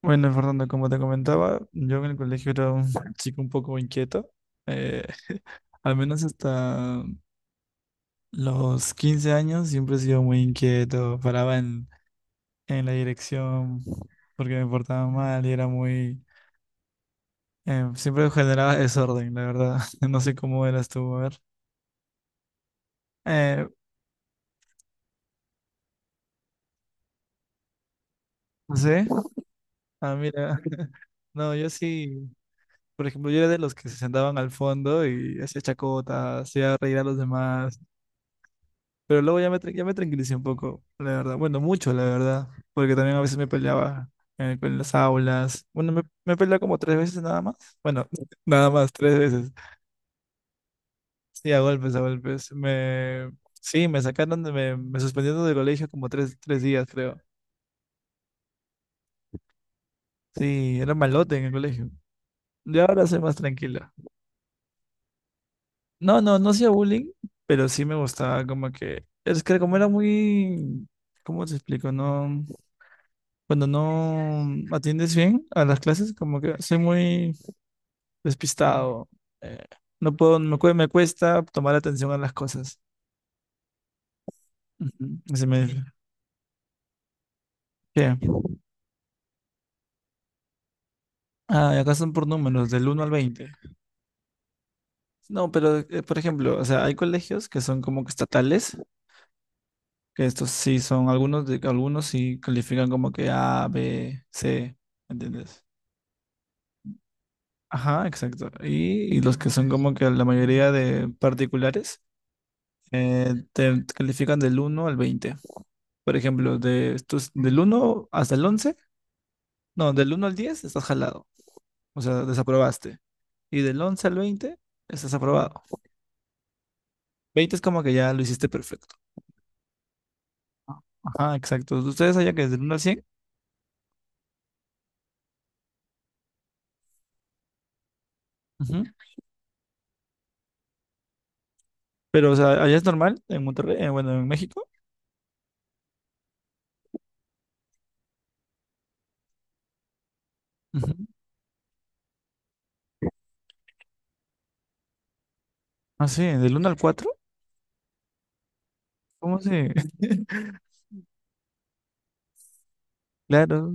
Bueno, Fernando, como te comentaba, yo en el colegio era un chico un poco inquieto. Eh, Al menos hasta los 15 años siempre he sido muy inquieto. Paraba en, la dirección porque me portaba mal y era muy, siempre generaba desorden, la verdad. No sé cómo eras tú, a ver. Eh, no sé. Ah, mira. No, yo sí. Por ejemplo, yo era de los que se sentaban al fondo y hacía chacota, hacía reír a los demás. Pero luego ya me tranquilicé un poco, la verdad. Bueno, mucho, la verdad. Porque también a veces me peleaba en, las aulas. Bueno, me peleaba como 3 veces nada más. Bueno, nada más, 3 veces. Sí, a golpes, a golpes. Me, sí, me sacaron, de, me suspendieron del colegio como 3 días, creo. Sí, era malote en el colegio. Y ahora soy más tranquila. No, no, no hacía bullying, pero sí me gustaba como que. Es que como era muy. ¿Cómo te explico? No. Cuando no atiendes bien a las clases, como que soy muy despistado. eh, no puedo, me cuesta tomar atención a las cosas. Ujú. Se me. ¿Qué? Ah, y acá son por números, del uno al veinte. No, pero por ejemplo, o sea, hay colegios que son como que estatales, que estos sí son algunos, algunos sí califican como que A, B, C. ¿Entiendes? Ajá, exacto. Y los que son como que la mayoría de particulares te califican del uno al veinte. Por ejemplo, de estos, del uno hasta el once, no, del uno al 10 estás jalado, o sea, desaprobaste. Y del 11 al 20 estás aprobado. Veinte es como que ya lo hiciste perfecto. Ajá, exacto. Ustedes allá que es del uno al cien. Ujú. Pero o sea, allá es normal, en Monterrey, bueno, en México. Ujú. Ah, sí, del uno al cuatro. ¿Cómo se? Claro,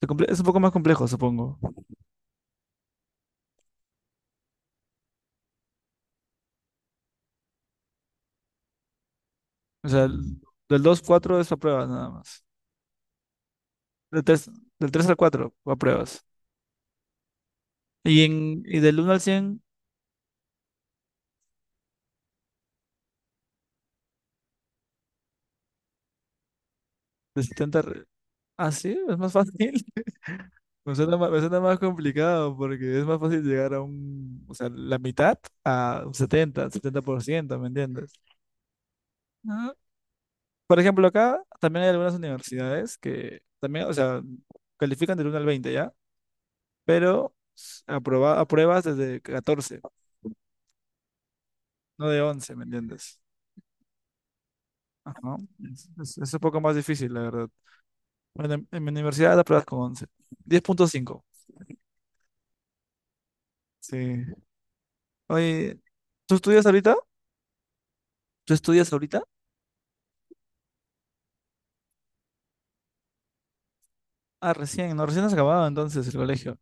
es un poco más complejo, supongo. O sea, del 2 al 4 es apruebas nada más. Del 3 Del 3 al 4, apruebas. Y del uno al cien, de setenta. Ah, sí, es más fácil. Me suena más complicado porque es más fácil llegar a un, o sea, la mitad a un setenta, 70%, ¿me entiendes? Ah, por ejemplo, acá también hay algunas universidades que también, o sea, califican del uno al veinte, ¿ya? Pero apruebas desde 14, no de 11, ¿me entiendes? Ajá. Es un poco más difícil, la verdad. Bueno, en mi universidad apruebas con 11, 10,5. Sí. Oye, ¿tú estudias ahorita? ¿Tú estudias ahorita? Ah, recién, no, recién has acabado entonces el colegio.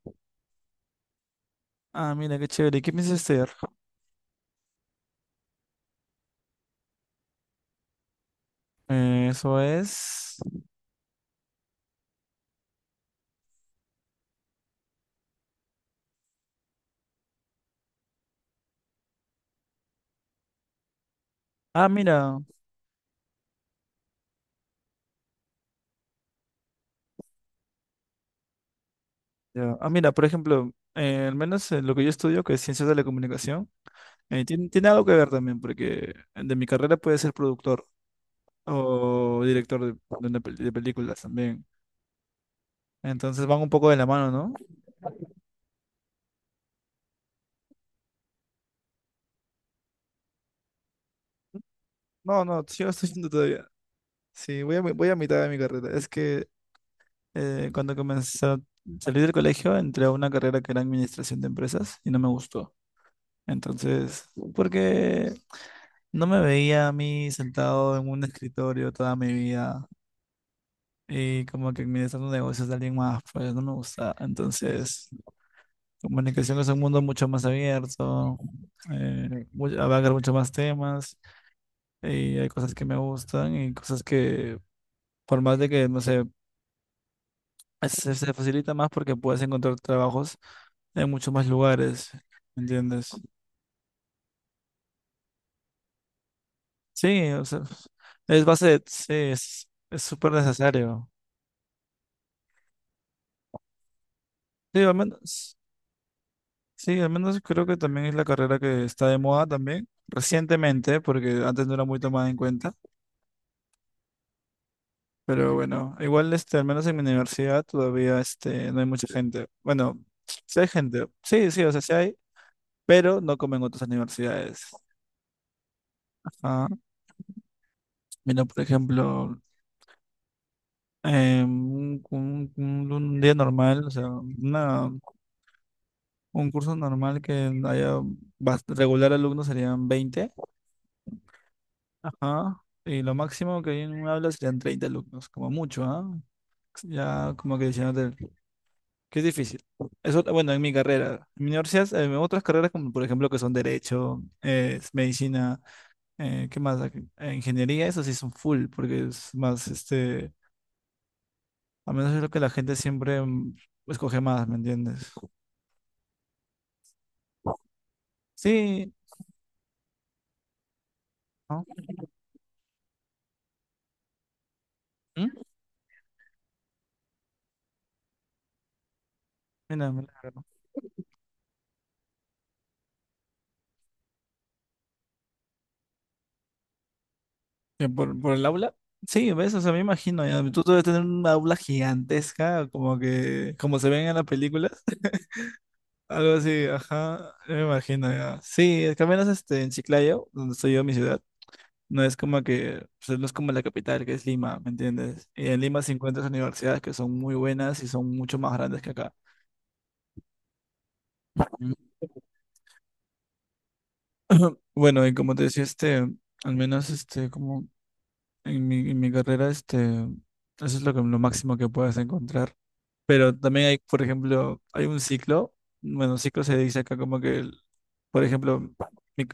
Ah, mira, qué chévere. ¿Y qué piensas hacer? Eso es. Ah, mira. Ya. Ah, mira, por ejemplo, al menos en lo que yo estudio, que es ciencias de la comunicación, tiene algo que ver también, porque de mi carrera puede ser productor o director de películas también. Entonces van un poco de la mano, ¿no? No, no, sí, lo estoy haciendo todavía. Sí, voy a mitad de mi carrera. Es que cuando comencé a salir del colegio, entré a una carrera que era administración de empresas y no me gustó. Entonces, porque no me veía a mí sentado en un escritorio toda mi vida y como que administrando negocios de alguien más, pues no me gusta. Entonces, comunicación es un mundo mucho más abierto, abarca mucho más temas y hay cosas que me gustan y cosas que, por más de que, no sé, se facilita más porque puedes encontrar trabajos en muchos más lugares, ¿me entiendes? Sí, o sea, es base de, sí, es súper necesario. Sí, al menos, sí, al menos, creo que también es la carrera que está de moda también, recientemente, porque antes no era muy tomada en cuenta, pero bueno, igual este, al menos en mi universidad todavía este, no hay mucha gente. Bueno, sí hay gente, sí, sí, o sea, sí hay, pero no como en otras universidades. Ah, mira, por ejemplo. Un día normal, o sea, un curso normal que haya regular alumnos serían veinte. Ajá, y lo máximo que hay en un aula serían 30 alumnos, como mucho, ¿ah? Ya como que diciéndote que es difícil. Eso, bueno, en mi carrera, en mi universidad, en otras carreras como por ejemplo que son derecho, es medicina, ¿qué más? Ingeniería, eso sí son full, porque es más, este, a menos es lo que la gente siempre escoge más, ¿me entiendes? Sí, ¿no? ¿Mm? Mira, mira, claro. Por el aula. Sí, ves, o sea, me imagino, ya. Tú debes tener un aula gigantesca, como que, como se ven en las películas, algo así, ajá, yo me imagino, ya. Sí, es que al menos este, en Chiclayo, donde estoy yo, mi ciudad, no es como que, pues, no es como la capital, que es Lima, ¿me entiendes? Y en Lima se encuentras universidades que son muy buenas y son mucho más grandes que acá. Mm. Bueno, y como te decía, este, al menos, este, como en mi carrera, este, eso es lo que, lo máximo que puedes encontrar. Pero también hay, por ejemplo, hay un ciclo. Bueno, ciclo se dice acá como que, por ejemplo, mi,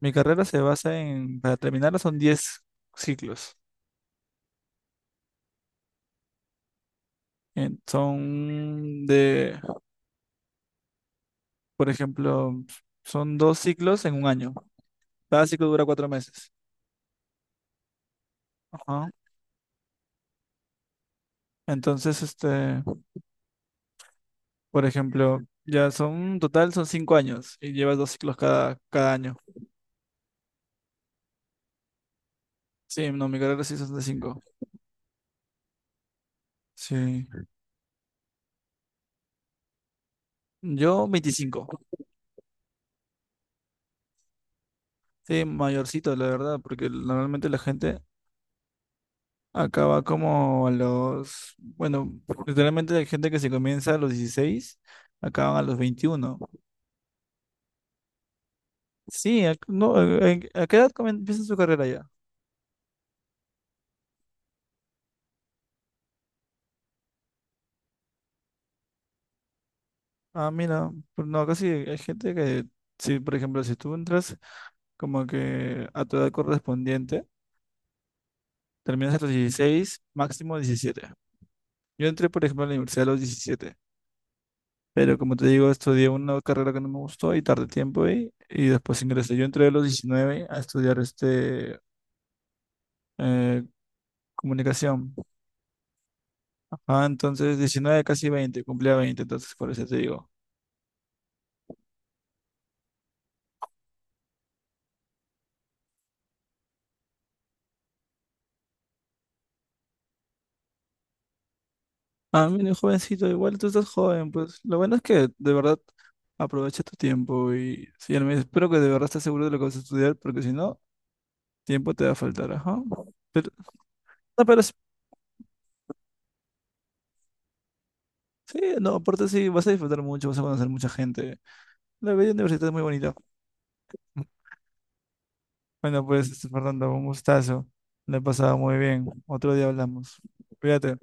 mi carrera se basa en, para terminarla son 10 ciclos. Son de, por ejemplo, son dos ciclos en un año. Cada ciclo dura 4 meses. Ajá. Entonces, este, por ejemplo, ya son, total son 5 años y llevas dos ciclos cada año. Sí, no, mi carrera sí es 65. Sí. Yo 25. Sí, mayorcito, la verdad, porque normalmente la gente acaba como a los. Bueno, literalmente hay gente que se comienza a los 16, acaban a los 21. Sí, no, ¿a qué edad empieza su carrera ya? Ah, mira, pero no, casi hay gente que, sí, por ejemplo, si tú entras como que a tu edad correspondiente, terminas a los 16, máximo 17. Yo entré, por ejemplo, a la universidad a los 17. Pero como te digo, estudié una carrera que no me gustó y tardé tiempo ahí. Y después ingresé. Yo entré a los 19 a estudiar este, eh, comunicación. Ajá, entonces 19, casi veinte, cumplía veinte. Entonces, por eso te digo. Ah, mira, jovencito, igual tú estás joven, pues lo bueno es que de verdad aprovecha tu tiempo y sí, al menos espero que de verdad estés seguro de lo que vas a estudiar, porque si no, tiempo te va a faltar, ajá. Pero, no, pero sí, sí, no, aparte sí, vas a disfrutar mucho, vas a conocer mucha gente. La vida universitaria es muy bonita. Bueno, pues, Fernando, un gustazo. Le he pasado muy bien. Otro día hablamos. Cuídate.